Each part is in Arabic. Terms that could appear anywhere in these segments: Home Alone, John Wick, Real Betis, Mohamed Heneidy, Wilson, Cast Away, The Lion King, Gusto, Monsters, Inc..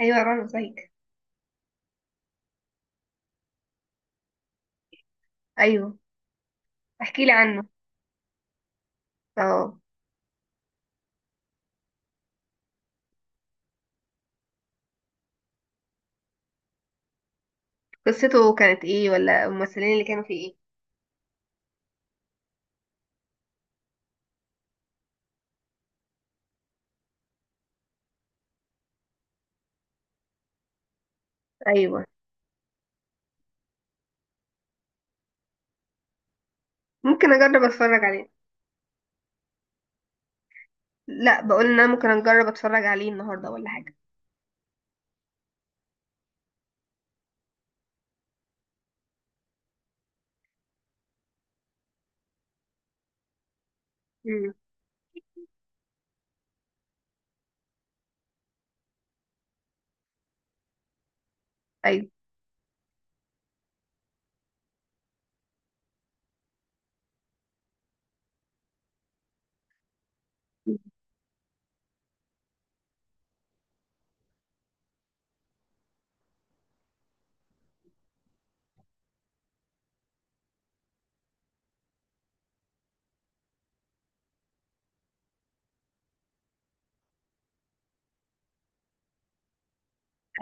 ايوه رنا زيك. ايوه، احكي لي عنه. اه، قصته كانت ايه ولا الممثلين اللي كانوا فيه؟ ايه ايوه، ممكن اجرب اتفرج عليه. لا، بقول ان انا ممكن اجرب اتفرج عليه النهارده ولا حاجه. امم. ايوه،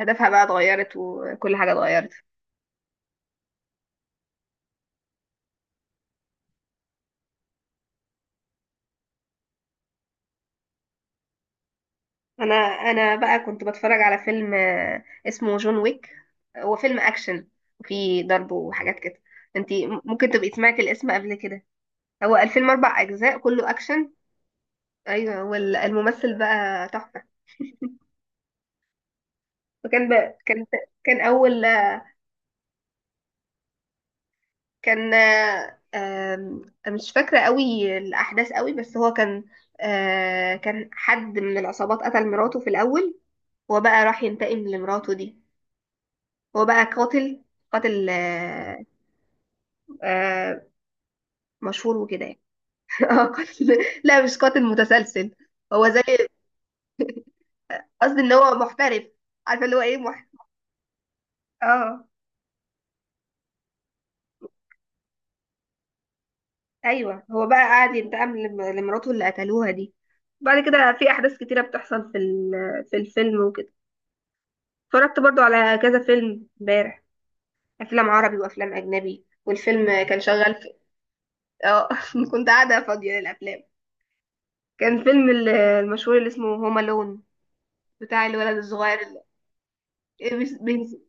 هدفها بقى اتغيرت وكل حاجه اتغيرت. انا بقى كنت بتفرج على فيلم اسمه جون ويك. هو فيلم اكشن وفيه ضرب وحاجات كده. انتي ممكن تبقي سمعتي الاسم قبل كده. هو الفيلم اربع اجزاء كله اكشن. ايوه، والممثل بقى تحفه فكان بقى كان كان اول كان آه، آم، مش فاكره قوي الاحداث قوي بس هو كان، كان حد من العصابات قتل مراته في الاول. هو بقى راح ينتقم لمراته دي. هو بقى قاتل آه، مشهور وكده يعني. قاتل. لا مش قاتل متسلسل. هو زي، قصدي ان هو محترف، عارفه اللي هو ايه اه ايوه هو بقى قاعد ينتقم لمراته اللي قتلوها دي. بعد كده في احداث كتيره بتحصل في الفيلم وكده. اتفرجت برضو على كذا فيلم امبارح، افلام عربي وافلام اجنبي. والفيلم كان شغال في اه كنت قاعده فاضيه للافلام. كان فيلم المشهور اللي اسمه هوم الون، بتاع الولد الصغير اللي إيه بينزل.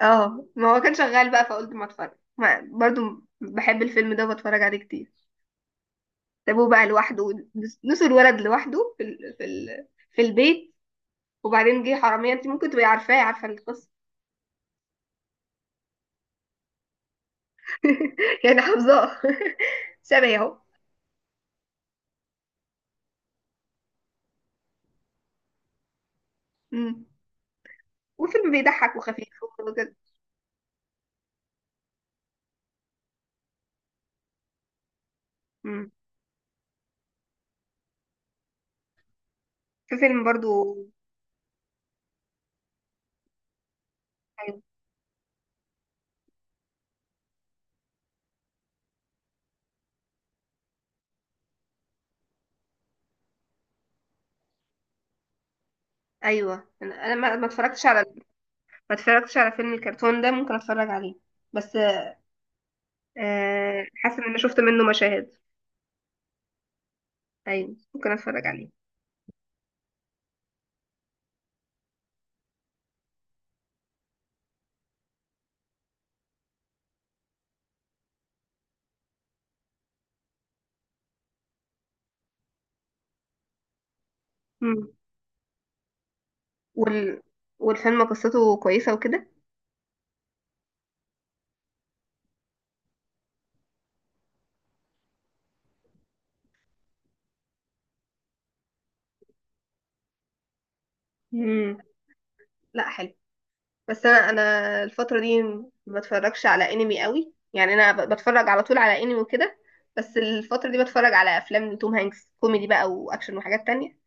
اه ما هو كان شغال بقى فقلت ما اتفرج ما برضو بحب الفيلم ده وبتفرج عليه كتير. سابوه بقى لوحده، نسوا الولد لوحده في البيت. وبعدين جه حرامية. انت ممكن تبقي عارفاه، عارفة القصة. يعني حافظاه. شبهي اهو. مم. وفيلم بيضحك وخفيف وكده. مم. في فيلم برضو. ايوه ايوه. انا أنا ما ما اتفرجتش على، ما اتفرجتش على فيلم الكرتون ده. ممكن اتفرج عليه بس حاسه ان انا شفت منه مشاهد. ايوه ممكن اتفرج عليه. مم. وال... والفيلم قصته كويسه وكده. مم. لا حلو. بس انا الفتره دي ما بتفرجش على انمي قوي، يعني انا بتفرج على طول على انمي وكده. بس الفتره دي بتفرج على افلام لتوم هانكس، كوميدي بقى واكشن وحاجات تانية.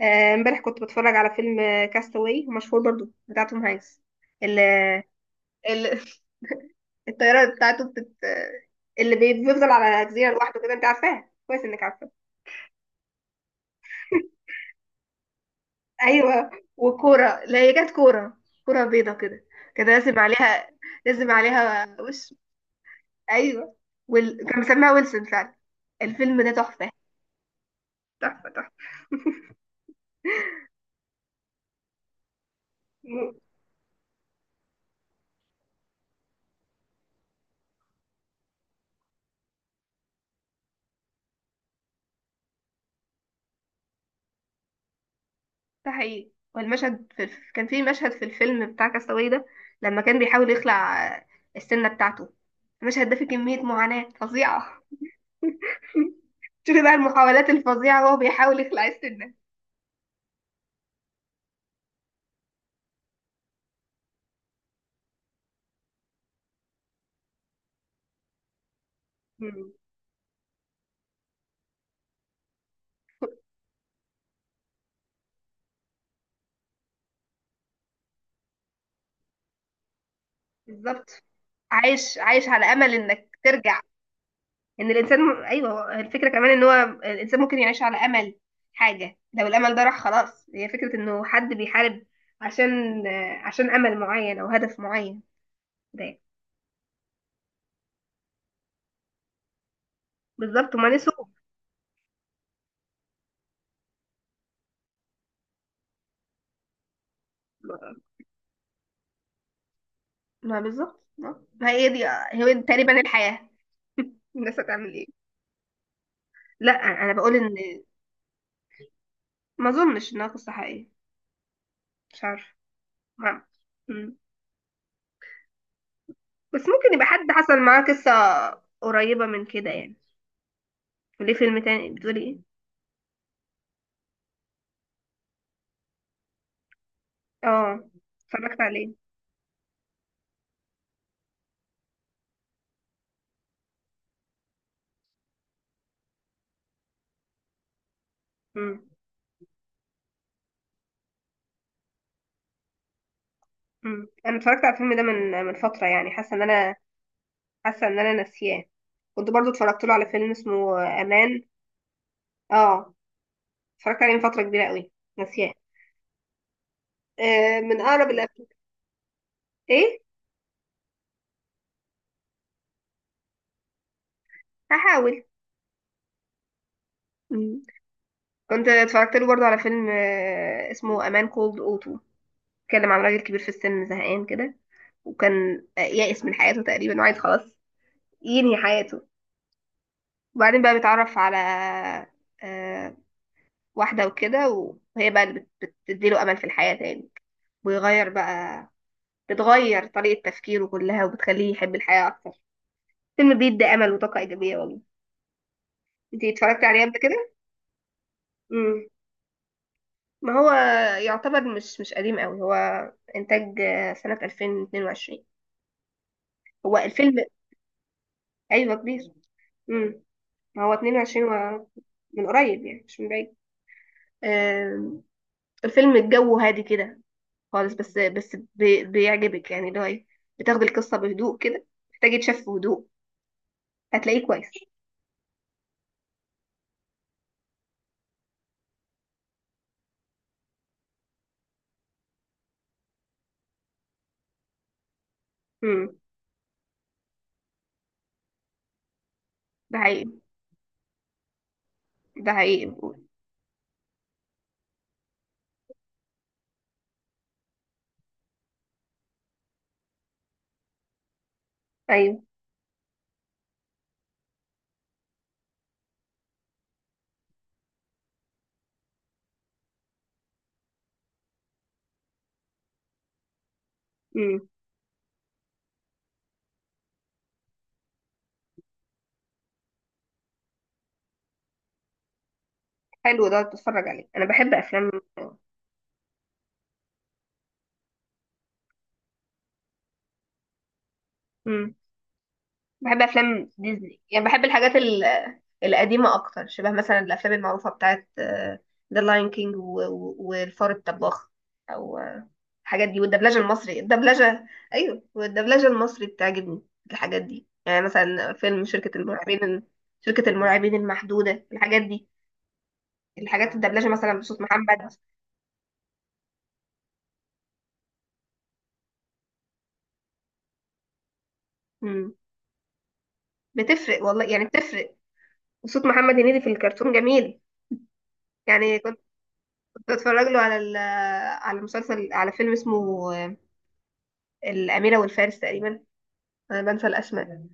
امبارح كنت بتفرج على فيلم كاستاوي، مشهور برضو بتاع توم هانكس. ال ال الطياره بتاعته بتت... اللي بيفضل على جزيره لوحده كده، انت عارفاها كويس انك عارفه. ايوه. وكوره، لا هي كانت كوره، كوره بيضه كده. كان لازم عليها، لازم عليها وش. ايوه. كان مسميها ويلسون فعلا. الفيلم ده تحفة، تحفة تحفة. ده حقيقي. والمشهد في كان في مشهد في الفيلم بتاع كاستاوي ده، لما كان بيحاول يخلع السنة بتاعته. المشهد ده فيه كمية معاناة فظيعة. شوفي بقى المحاولات الفظيعة وهو بيحاول يخلع السنة. مم. بالظبط. عايش، عايش على أمل إنك ترجع. ان الانسان ايوه، هو الفكره كمان ان هو الانسان ممكن يعيش على امل حاجه. لو الامل ده راح خلاص. هي فكره انه حد بيحارب عشان، عشان امل معين او هدف معين. ده بالظبط. وما نسوا. ما ما بالظبط، ما هي دي، هي تقريبا الحياه. الناس هتعمل ايه. لا انا بقول ان، ما اظنش انها قصه حقيقيه، مش عارفه. ما- مم. بس ممكن يبقى حد حصل معاه قصه قريبه من كده يعني. وليه فيلم تاني بتقولي ايه؟ اه اتفرجت عليه. مم. انا اتفرجت على الفيلم ده من، من فتره، يعني حاسه ان انا حاسه ان انا ناسياه. كنت برضو اتفرجت له على فيلم اسمه امان. اه اتفرجت عليه من فتره كبيره قوي. ناسياه. آه، من اقرب الافلام. ايه. هحاول. مم. كنت اتفرجت له برضو على فيلم آه اسمه امان كولد اوتو، اتكلم عن راجل كبير في السن، زهقان كده وكان يائس من حياته تقريبا وعايز خلاص ينهي حياته. وبعدين بقى بيتعرف على آه واحده وكده، وهي بقى اللي بتديله امل في الحياه تاني. ويغير بقى، بتغير طريقة تفكيره كلها وبتخليه يحب الحياة أكتر. فيلم بيدي أمل وطاقة إيجابية والله. انتي اتفرجتي عليه قبل كده؟ مم. ما هو يعتبر مش قديم قوي، هو إنتاج سنة 2022. هو الفيلم أيوه كبير. مم. ما هو 22 و... من قريب يعني مش من بعيد. آم، الفيلم الجو هادي كده خالص، بس بيعجبك يعني، اللي هو إيه، بتاخدي القصة بهدوء كده. محتاج يتشاف بهدوء، هتلاقيه كويس. مم. ده حقيقي. ده حقيقي. ايوه. امم. حلو ده، اتفرج عليه. انا بحب افلام. امم. بحب افلام ديزني، يعني بحب الحاجات القديمه اكتر، شبه مثلا الافلام المعروفه بتاعت ذا لاين كينج والفار الطباخ او، الحاجات دي. والدبلجه المصري، الدبلجه. ايوه والدبلجه المصري بتعجبني في الحاجات دي، يعني مثلا فيلم شركه المرعبين، شركه المرعبين المحدوده، الحاجات دي، الحاجات الدبلجه مثلا بصوت محمد. امم. بتفرق والله، يعني بتفرق. وصوت محمد هنيدي في الكرتون جميل. يعني كنت اتفرج له على مسلسل، على فيلم اسمه الأميرة والفارس تقريبا. انا بنسى الاسماء.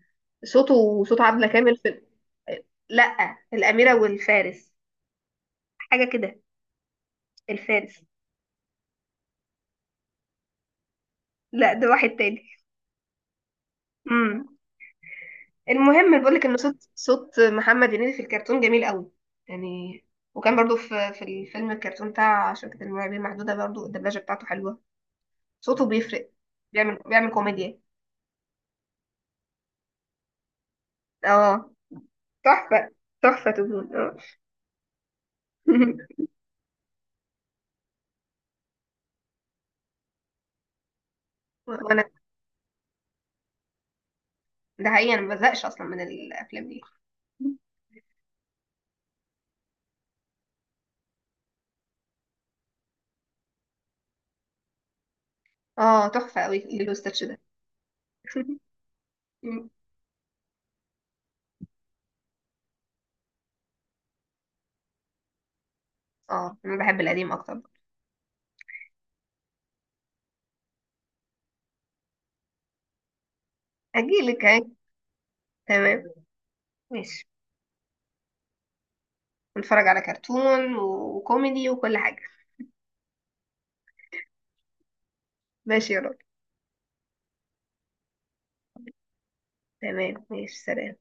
صوته وصوت عبلة كامل في، آه، لا الأميرة والفارس، حاجة كده. الفارس. لا ده واحد تاني. امم. المهم بقول لك ان صوت محمد هنيدي في الكرتون جميل قوي يعني. وكان برضو في الفيلم الكرتون بتاع شركة المرعبين المحدودة برضو الدبلجة بتاعته حلوة، صوته بيفرق. بيعمل كوميديا. اه تحفة، تحفة تكون اه. وانا ده حقيقي، انا ما بزهقش اصلا من الافلام دي. اه تحفة قوي الليل والستاتش ده. اه انا بحب القديم اكتر. اجيلك اهي. تمام ماشي. نتفرج على كرتون وكوميدي وكل حاجة. ماشي يا راجل. تمام ماشي، سلام.